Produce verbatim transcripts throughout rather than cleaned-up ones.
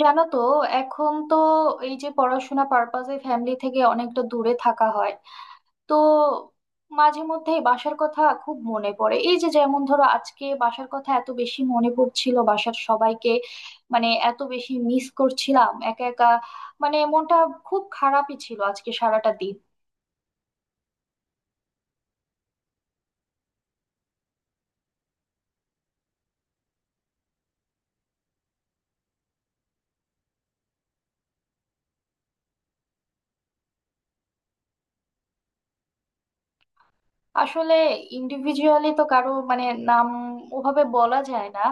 জানো তো, এখন তো এই যে পড়াশোনা পারপাসে ফ্যামিলি থেকে অনেকটা দূরে থাকা হয়, তো মাঝে মধ্যে বাসার কথা খুব মনে পড়ে। এই যে, যেমন ধরো, আজকে বাসার কথা এত বেশি মনে পড়ছিল, বাসার সবাইকে, মানে এত বেশি মিস করছিলাম একা একা, মানে মনটা খুব খারাপই ছিল আজকে সারাটা দিন। আসলে ইন্ডিভিজুয়ালি তো কারো, মানে, নাম ওভাবে বলা যায় না।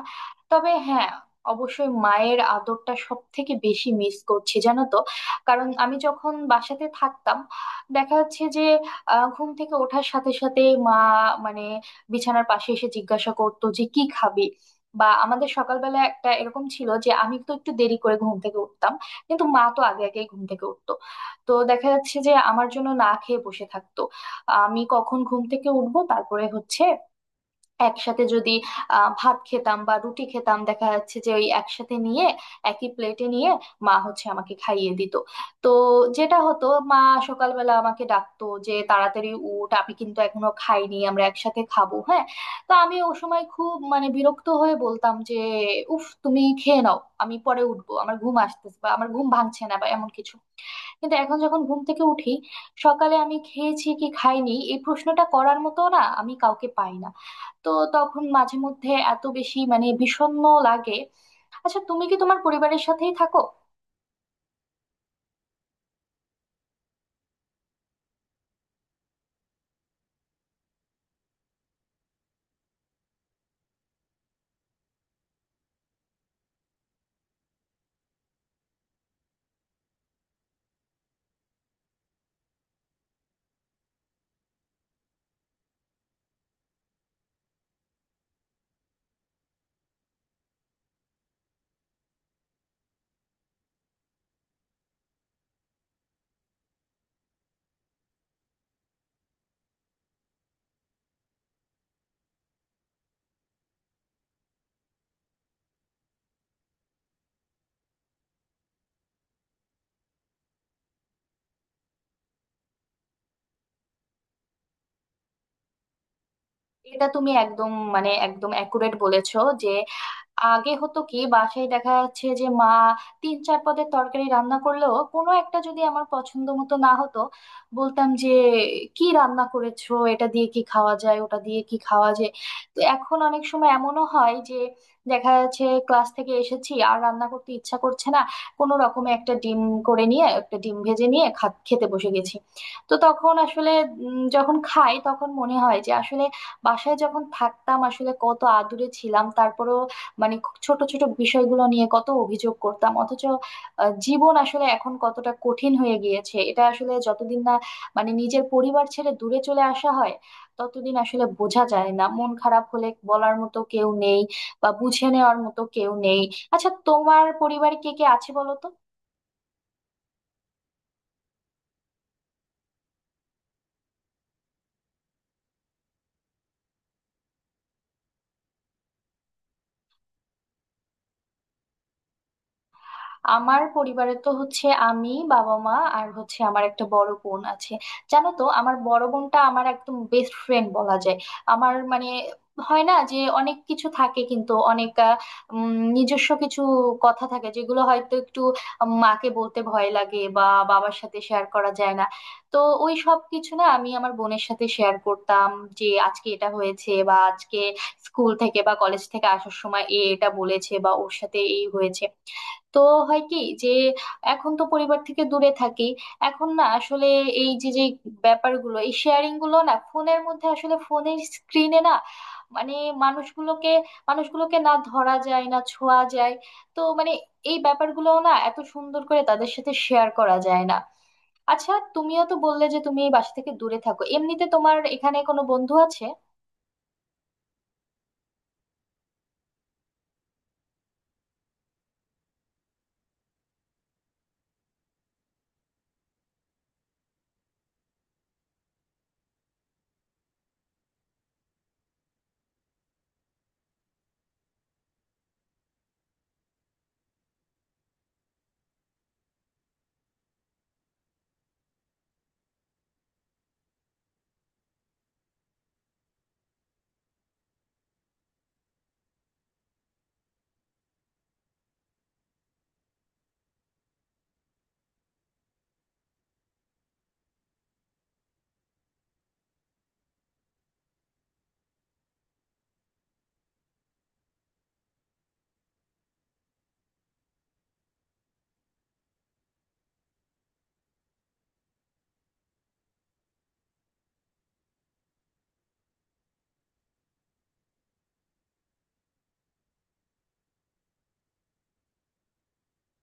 তবে হ্যাঁ, অবশ্যই মায়ের আদরটা সব থেকে বেশি মিস করছি, জানো তো। কারণ আমি যখন বাসাতে থাকতাম, দেখা যাচ্ছে যে আহ, ঘুম থেকে ওঠার সাথে সাথে মা, মানে, বিছানার পাশে এসে জিজ্ঞাসা করতো যে কি খাবি। বা আমাদের সকালবেলা একটা এরকম ছিল যে আমি তো একটু দেরি করে ঘুম থেকে উঠতাম, কিন্তু মা তো আগে আগেই ঘুম থেকে উঠতো। তো দেখা যাচ্ছে যে আমার জন্য না খেয়ে বসে থাকতো আমি কখন ঘুম থেকে উঠবো। তারপরে হচ্ছে একসাথে যদি আহ ভাত খেতাম বা রুটি খেতাম, দেখা যাচ্ছে যে ওই একসাথে নিয়ে, একই প্লেটে নিয়ে, মা হচ্ছে আমাকে খাইয়ে দিত। তো যেটা হতো, মা সকালবেলা আমাকে ডাকতো যে তাড়াতাড়ি উঠ, আমি কিন্তু এখনো খাইনি, আমরা একসাথে খাবো, হ্যাঁ। তো আমি ও সময় খুব, মানে, বিরক্ত হয়ে বলতাম যে উফ, তুমি খেয়ে নাও, আমি পরে উঠবো, আমার ঘুম আসতেছে বা আমার ঘুম ভাঙছে না বা এমন কিছু। কিন্তু এখন যখন ঘুম থেকে উঠি সকালে, আমি খেয়েছি কি খাইনি এই প্রশ্নটা করার মতো না আমি কাউকে পাই না। তো তখন মাঝে মধ্যে এত বেশি, মানে, বিষণ্ণ লাগে। আচ্ছা, তুমি কি তোমার পরিবারের সাথেই থাকো? এটা তুমি একদম, মানে, একদম অ্যাকুরেট বলেছো। যে আগে হতো কি, বাসায় দেখা যাচ্ছে যে মা তিন চার পদের তরকারি রান্না করলেও কোনো একটা যদি আমার পছন্দ মতো না হতো, বলতাম যে কি রান্না করেছো, এটা দিয়ে কি খাওয়া যায়, ওটা দিয়ে কি খাওয়া যায়। তো এখন অনেক সময় এমনও হয় যে দেখা যাচ্ছে ক্লাস থেকে এসেছি আর রান্না করতে ইচ্ছা করছে না, কোনো রকমে একটা ডিম করে নিয়ে, একটা ডিম ভেজে নিয়ে খা- খেতে বসে গেছি। তো তখন আসলে, উম, যখন খাই তখন মনে হয় যে আসলে বাসায় যখন থাকতাম আসলে কত আদুরে ছিলাম, তারপরেও, মানে, খুব ছোট ছোট বিষয়গুলো নিয়ে কত অভিযোগ করতাম। অথচ আহ, জীবন আসলে এখন কতটা কঠিন হয়ে গিয়েছে, এটা আসলে যতদিন না, মানে, নিজের পরিবার ছেড়ে দূরে চলে আসা হয় ততদিন আসলে বোঝা যায় না। মন খারাপ হলে বলার মতো কেউ নেই, বা বুঝে নেওয়ার মতো কেউ নেই। আচ্ছা, তোমার পরিবারে কে কে আছে বলো তো? আমার পরিবারে তো হচ্ছে আমি, বাবা, মা, আর হচ্ছে আমার একটা বড় বোন আছে। জানো তো, আমার বড় বোনটা আমার একদম বেস্ট ফ্রেন্ড বলা যায়। আমার, মানে, হয় না যে অনেক কিছু থাকে, কিন্তু অনেক আহ, উম, নিজস্ব কিছু কথা থাকে যেগুলো হয়তো একটু মাকে বলতে ভয় লাগে বা বাবার সাথে শেয়ার করা যায় না। তো ওই সব কিছু না আমি আমার বোনের সাথে শেয়ার করতাম, যে আজকে এটা হয়েছে বা আজকে স্কুল থেকে বা কলেজ থেকে আসার সময় এ এটা বলেছে বা ওর সাথে এই হয়েছে। তো হয় কি যে, এখন তো পরিবার থেকে দূরে থাকি, এখন না আসলে এই যে যে ব্যাপারগুলো, এই শেয়ারিং গুলো না ফোনের মধ্যে আসলে, ফোনের স্ক্রিনে না, মানে, মানুষগুলোকে মানুষগুলোকে না ধরা যায় না ছোঁয়া যায়। তো মানে এই ব্যাপারগুলো না এত সুন্দর করে তাদের সাথে শেয়ার করা যায় না। আচ্ছা, তুমিও তো বললে যে তুমি এই বাসা থেকে দূরে থাকো। এমনিতে তোমার এখানে কোনো বন্ধু আছে?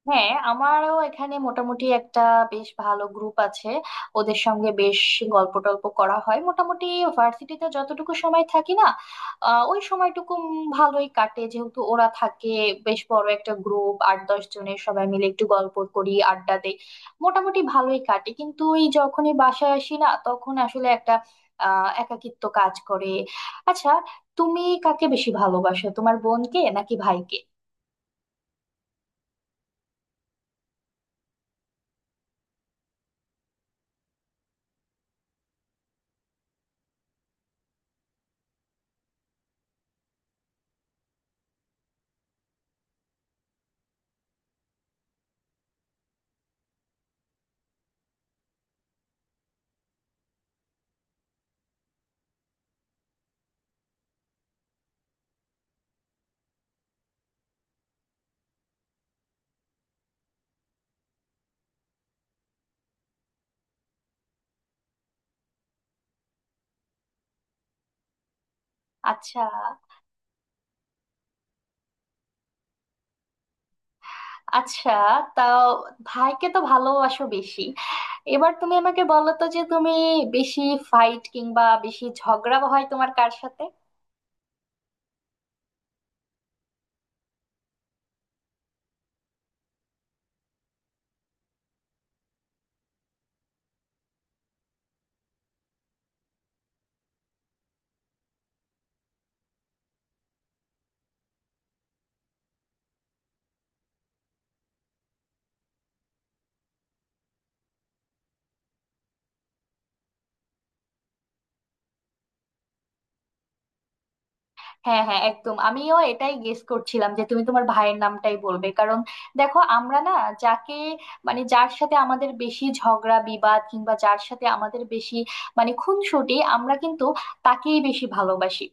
হ্যাঁ, আমারও এখানে মোটামুটি একটা বেশ ভালো গ্রুপ আছে। ওদের সঙ্গে বেশ গল্প টল্প করা হয় মোটামুটি। ভার্সিটিতে যতটুকু সময় থাকি না, আহ, ওই সময়টুকু উম ভালোই কাটে যেহেতু ওরা থাকে। বেশ বড় একটা গ্রুপ, আট দশ জনের, সবাই মিলে একটু গল্প করি, আড্ডা দেই, মোটামুটি ভালোই কাটে। কিন্তু এই যখনই বাসায় আসি না তখন আসলে একটা আহ একাকিত্ব কাজ করে। আচ্ছা, তুমি কাকে বেশি ভালোবাসো, তোমার বোনকে নাকি ভাইকে? আচ্ছা, আচ্ছা। তাও ভাইকে তো ভালোবাসো বেশি। এবার তুমি আমাকে বলো তো যে তুমি বেশি ফাইট কিংবা বেশি ঝগড়া হয় তোমার কার সাথে? হ্যাঁ, হ্যাঁ, একদম, আমিও এটাই গেস করছিলাম যে তুমি তোমার ভাইয়ের নামটাই বলবে। কারণ দেখো, আমরা না যাকে, মানে, যার সাথে আমাদের বেশি ঝগড়া বিবাদ কিংবা যার সাথে আমাদের বেশি, মানে, খুনসুটি, আমরা কিন্তু তাকেই বেশি ভালোবাসি।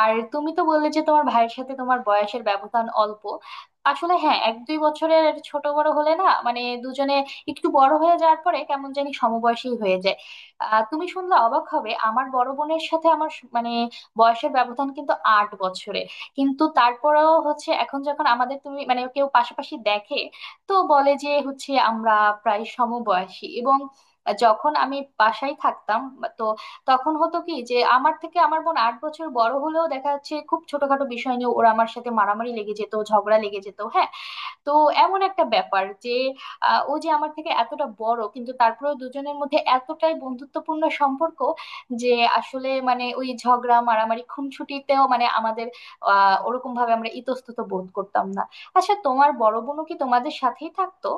আর তুমি তো বললে যে তোমার ভাইয়ের সাথে তোমার বয়সের ব্যবধান অল্প। আসলে হ্যাঁ, এক দুই বছরের ছোট বড় হলে না, মানে, দুজনে একটু বড় হয়ে যাওয়ার পরে কেমন জানি সমবয়সী হয়ে যায়। আহ তুমি শুনলে অবাক হবে, আমার বড় বোনের সাথে আমার স- মানে বয়সের ব্যবধান কিন্তু আট বছরে। কিন্তু তারপরেও হচ্ছে, এখন যখন আমাদের তুমি, মানে, কেউ পাশাপাশি দেখে, তো বলে যে হচ্ছে আমরা প্রায় সমবয়সী। এবং যখন আমি বাসায় থাকতাম, তো তখন হতো কি যে আমার থেকে আমার বোন আট বছর বড় হলেও দেখা যাচ্ছে খুব ছোটখাটো বিষয় নিয়ে ওরা আমার সাথে মারামারি লেগে যেত, ঝগড়া লেগে যেত, হ্যাঁ। তো এমন একটা ব্যাপার যে আহ, ও যে আমার থেকে এতটা বড়, কিন্তু তারপরেও দুজনের মধ্যে এতটাই বন্ধুত্বপূর্ণ সম্পর্ক যে আসলে, মানে, ওই ঝগড়া মারামারি খুনসুটিতেও, মানে, আমাদের আহ ওরকম ভাবে আমরা ইতস্তত বোধ করতাম না। আচ্ছা, তোমার বড় বোনও কি তোমাদের সাথেই থাকতো?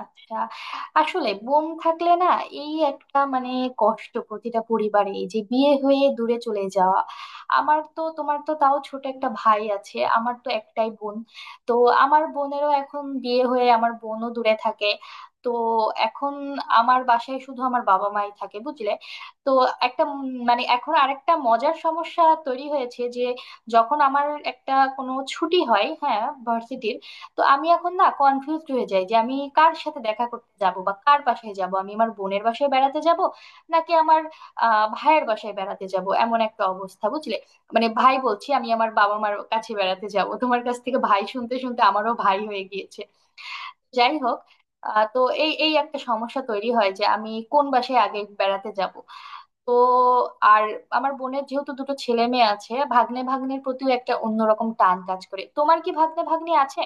আচ্ছা। আসলে বোন থাকলে না এই একটা, মানে, কষ্ট প্রতিটা পরিবারে, এই যে বিয়ে হয়ে দূরে চলে যাওয়া। আমার তো তোমার তো তাও ছোট একটা ভাই আছে, আমার তো একটাই বোন। তো আমার বোনেরও এখন বিয়ে হয়ে, আমার বোনও দূরে থাকে। তো এখন আমার বাসায় শুধু আমার বাবা মাই থাকে, বুঝলে। তো একটা উম মানে এখন আরেকটা মজার সমস্যা তৈরি হয়েছে যে, যখন আমার একটা কোনো ছুটি হয়, হ্যাঁ, ভার্সিটির, তো আমি এখন না কনফিউজড হয়ে যাই যে আমি কার সাথে দেখা করতে যাব বা কার বাসায় যাব, আমি আমার বোনের বাসায় বেড়াতে যাব নাকি আমার আহ ভাইয়ের বাসায় বেড়াতে যাব, এমন একটা অবস্থা, বুঝলে। মানে ভাই বলছি, আমি আমার বাবা মার কাছে বেড়াতে যাব, তোমার কাছ থেকে ভাই শুনতে শুনতে আমারও ভাই হয়ে গিয়েছে। যাই হোক, আহ, তো এই এই একটা সমস্যা তৈরি হয় যে আমি কোন বাসায় আগে বেড়াতে যাব। তো আর আমার বোনের যেহেতু দুটো ছেলে মেয়ে আছে, ভাগ্নে ভাগ্নির প্রতিও একটা অন্যরকম টান কাজ করে। তোমার কি ভাগ্নে ভাগ্নি আছে?